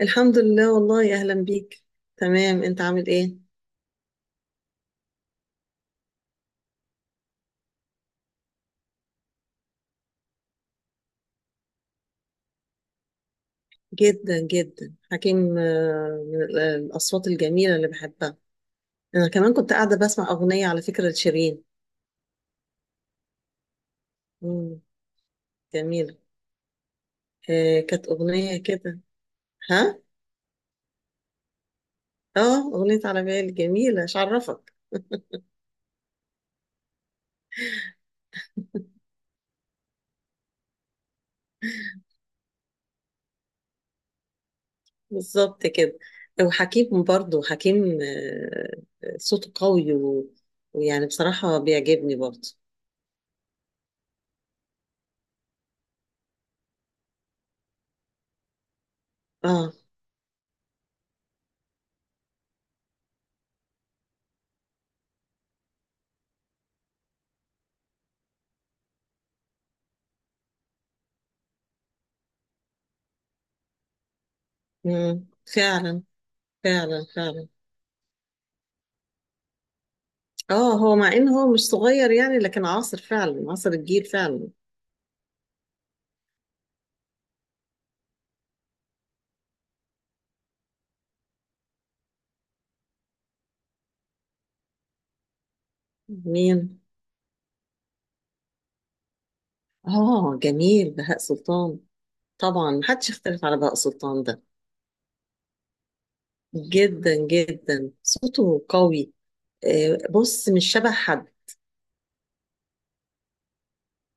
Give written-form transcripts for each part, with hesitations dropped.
الحمد لله والله أهلا بيك. تمام، أنت عامل إيه؟ جدا جدا حكيم، من الأصوات الجميلة اللي بحبها. أنا كمان كنت قاعدة بسمع أغنية على فكرة لشيرين. مم. جميلة. كانت أغنية كده. ها؟ آه، أغنية على بالي جميلة، مش عرفك. بالظبط كده. وحكيم برضه صوته قوي ويعني بصراحة بيعجبني برضه. آه. مم. فعلا فعلا. فعلا اه، هو مع ان هو مش صغير يعني، لكن عاصر فعلا، عاصر الجيل فعلا. مين؟ اه جميل بهاء سلطان. طبعا محدش يختلف على بهاء سلطان ده. جدا جدا، صوته قوي. بص مش شبه حد.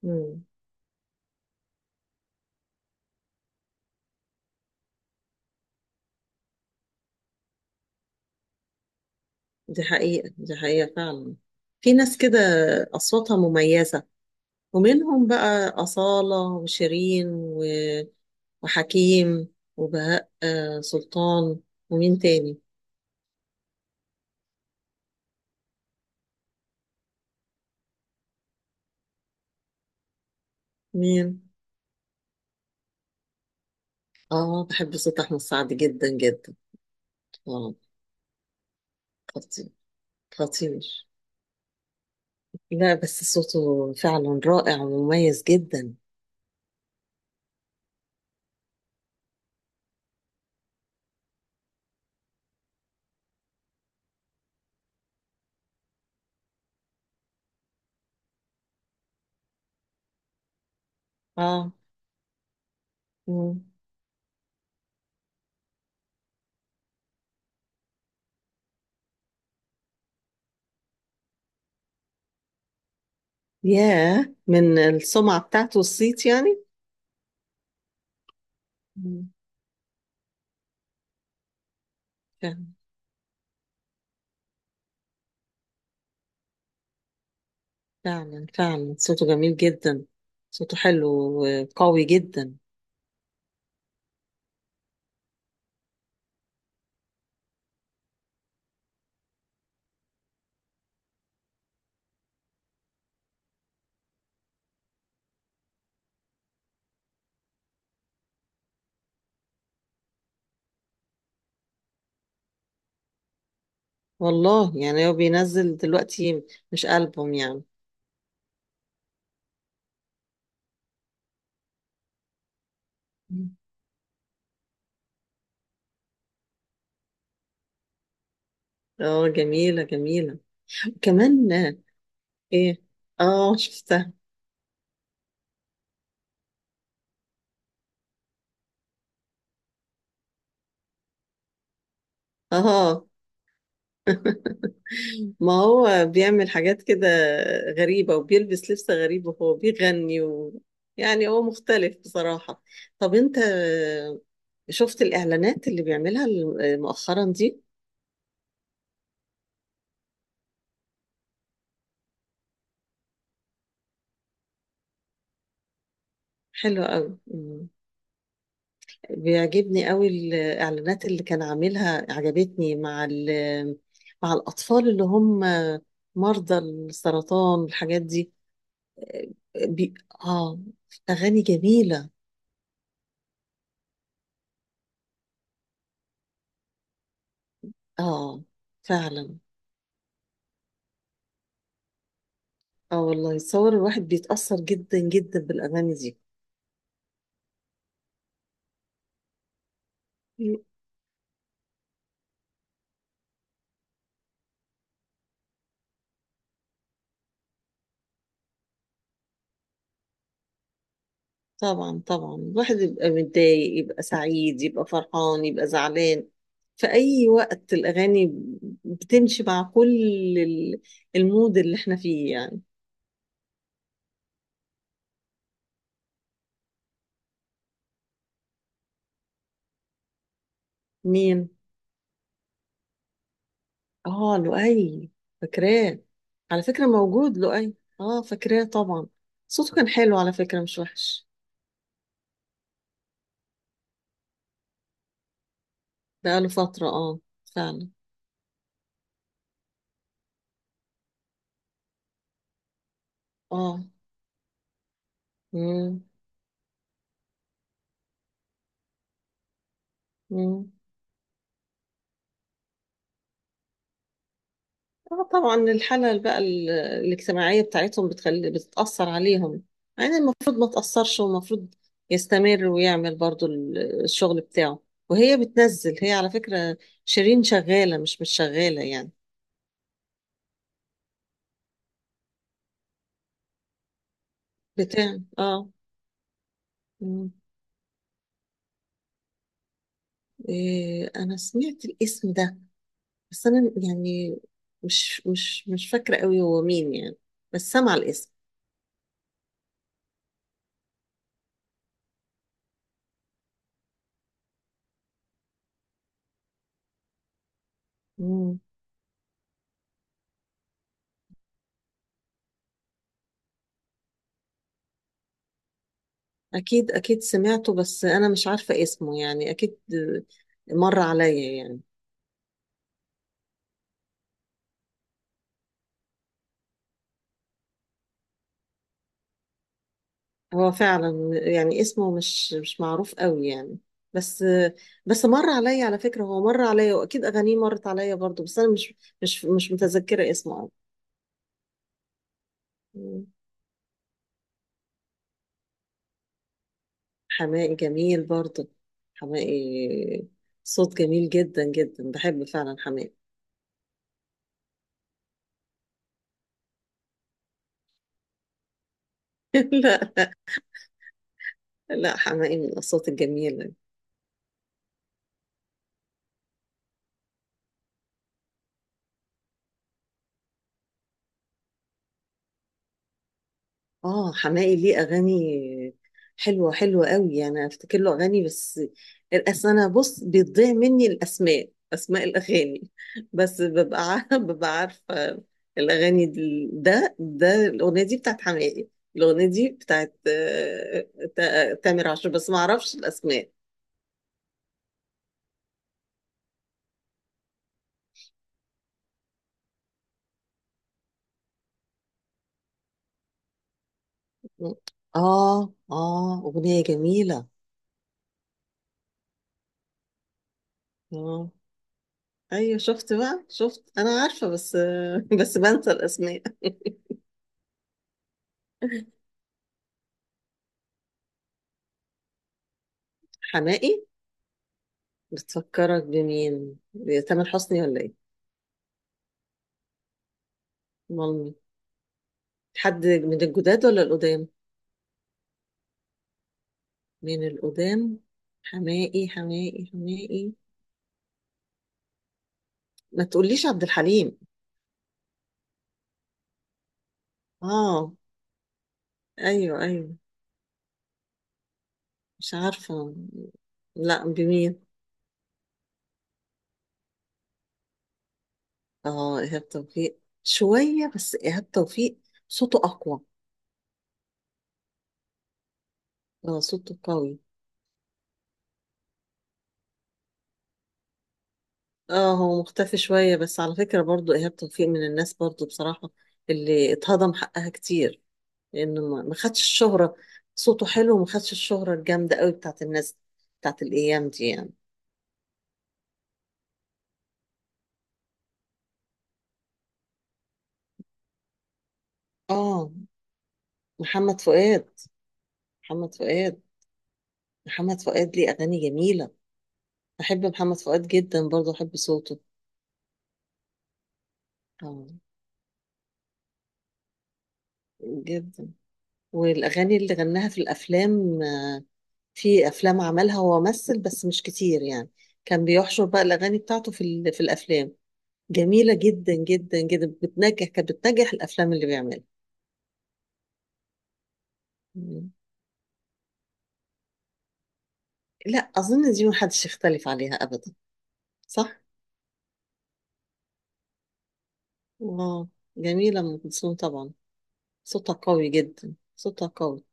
مم. دي حقيقة، دي حقيقة فعلا. في ناس كده أصواتها مميزة، ومنهم بقى أصالة وشيرين وحكيم وبهاء سلطان. ومين تاني؟ مين؟ اه، بحب صوت احمد سعد جدا جدا. اه. خطير. خطير. لا، بس صوته فعلا رائع ومميز جدا. اه. مم. ياه، من السمعة بتاعته والصيت يعني. مم. فعلا. فعلا فعلا، صوته جميل جدا. صوته حلو وقوي جدا. والله يعني هو بينزل دلوقتي مش ألبوم يعني. مم. اه جميلة جميلة. كمان آه، ايه. اه شفتها. اه، ما هو بيعمل حاجات كده غريبة، وبيلبس لبس غريب وهو بيغني و... يعني هو مختلف بصراحة. طب انت شفت الإعلانات اللي بيعملها مؤخرا دي؟ حلوة قوي. مم. بيعجبني قوي الإعلانات اللي كان عاملها، عجبتني مع ال... مع الأطفال اللي هم مرضى السرطان والحاجات دي. بي... اه، أغاني جميلة. اه فعلا. اه والله، صور الواحد بيتأثر جدا جدا بالأغاني دي. طبعا طبعا، الواحد يبقى متضايق، يبقى سعيد، يبقى فرحان، يبقى زعلان، في أي وقت الأغاني بتمشي مع كل ال- المود اللي احنا فيه يعني. مين؟ اه لؤي. فاكراه، على فكرة موجود لؤي. اه فاكراه طبعا. صوته كان حلو على فكرة، مش وحش. بقاله فترة اه. فعلا. اه. مم. مم. اه طبعا، الحالة بقى الاجتماعية بتاعتهم بتخلي، بتتأثر عليهم. يعني المفروض ما تأثرش، والمفروض يستمر ويعمل برضو الشغل بتاعه. وهي بتنزل، هي على فكرة شيرين شغالة، مش مش شغالة يعني. بتاع اه. مم. إيه، انا سمعت الاسم ده، بس انا يعني مش فاكرة قوي هو مين يعني، بس سامعة الاسم. مم. اكيد اكيد سمعته، بس انا مش عارفة اسمه يعني، اكيد آه، مر عليا يعني. هو فعلا يعني اسمه مش مش معروف قوي يعني، بس بس مر عليا على فكرة، هو مر عليا واكيد اغانيه مرت عليا برضو، بس انا مش متذكرة اسمه قوي. مم. حماقي جميل برضو. حماقي صوت جميل جدا جدا، بحب فعلا حماقي. لا، لا، حماقي من الاصوات الجميلة. اه حماقي ليه اغاني حلوه، حلوه قوي، انا افتكر له اغاني، بس اصل انا بص بيضيع مني الاسماء، اسماء الاغاني بس ببقى عارفه ببقى عارفه. ده ده الاغنيه دي بتاعت حماقي. الاغنيه دي بتاعت آه، تامر عاشور، بس ما اعرفش الاسماء. اه اه، اغنيه جميله. اه ايوه، شفت بقى، شفت، انا عارفه بس بس بنسى الاسماء. حماقي؟ بتفكرك بمين، تامر حسني ولا ايه؟ امال مين؟ حد من الجداد ولا القدام؟ من القدام. حماقي حماقي حماقي. ما تقوليش عبد الحليم. اه ايوه ايوه. مش عارفه، لا بمين؟ اه ايهاب توفيق شويه، بس ايهاب توفيق صوته اقوى. اه صوته قوي. اه هو مختفي شويه، بس على فكره برضو ايهاب توفيق من الناس برضو بصراحه اللي اتهضم حقها كتير، لانه ما خدش الشهرة. صوته حلو وما خدش الشهرة الجامدة قوي بتاعت الناس، بتاعت الايام دي يعني. اه محمد فؤاد. محمد فؤاد. محمد فؤاد ليه اغاني جميلة. بحب محمد فؤاد جدا، برضه بحب صوته. اه جدا. والاغاني اللي غناها في الافلام آه، في افلام عملها، هو ممثل بس مش كتير يعني، كان بيحشر بقى الاغاني بتاعته في في الافلام. جميلة جدا جدا جدا، بتنجح، كانت بتنجح الافلام اللي بيعملها. لا أظن دي محدش يختلف عليها أبدا. صح؟ واو، جميلة أم كلثوم طبعا. صوتها قوي جدا، صوتها قوي.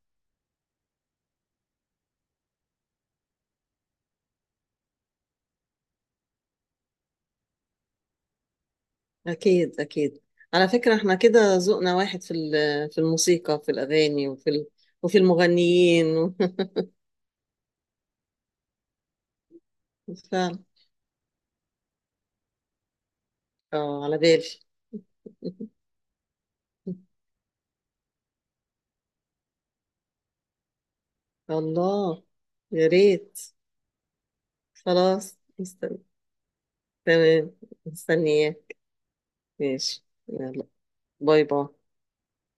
أكيد أكيد. على فكرة احنا كده ذوقنا واحد في في الموسيقى، في الأغاني، وفي وفي المغنيين. فعلا. اه على بالي. الله. يا ريت. خلاص مستني. تمام. مستنياك. ماشي. يلا. باي باي.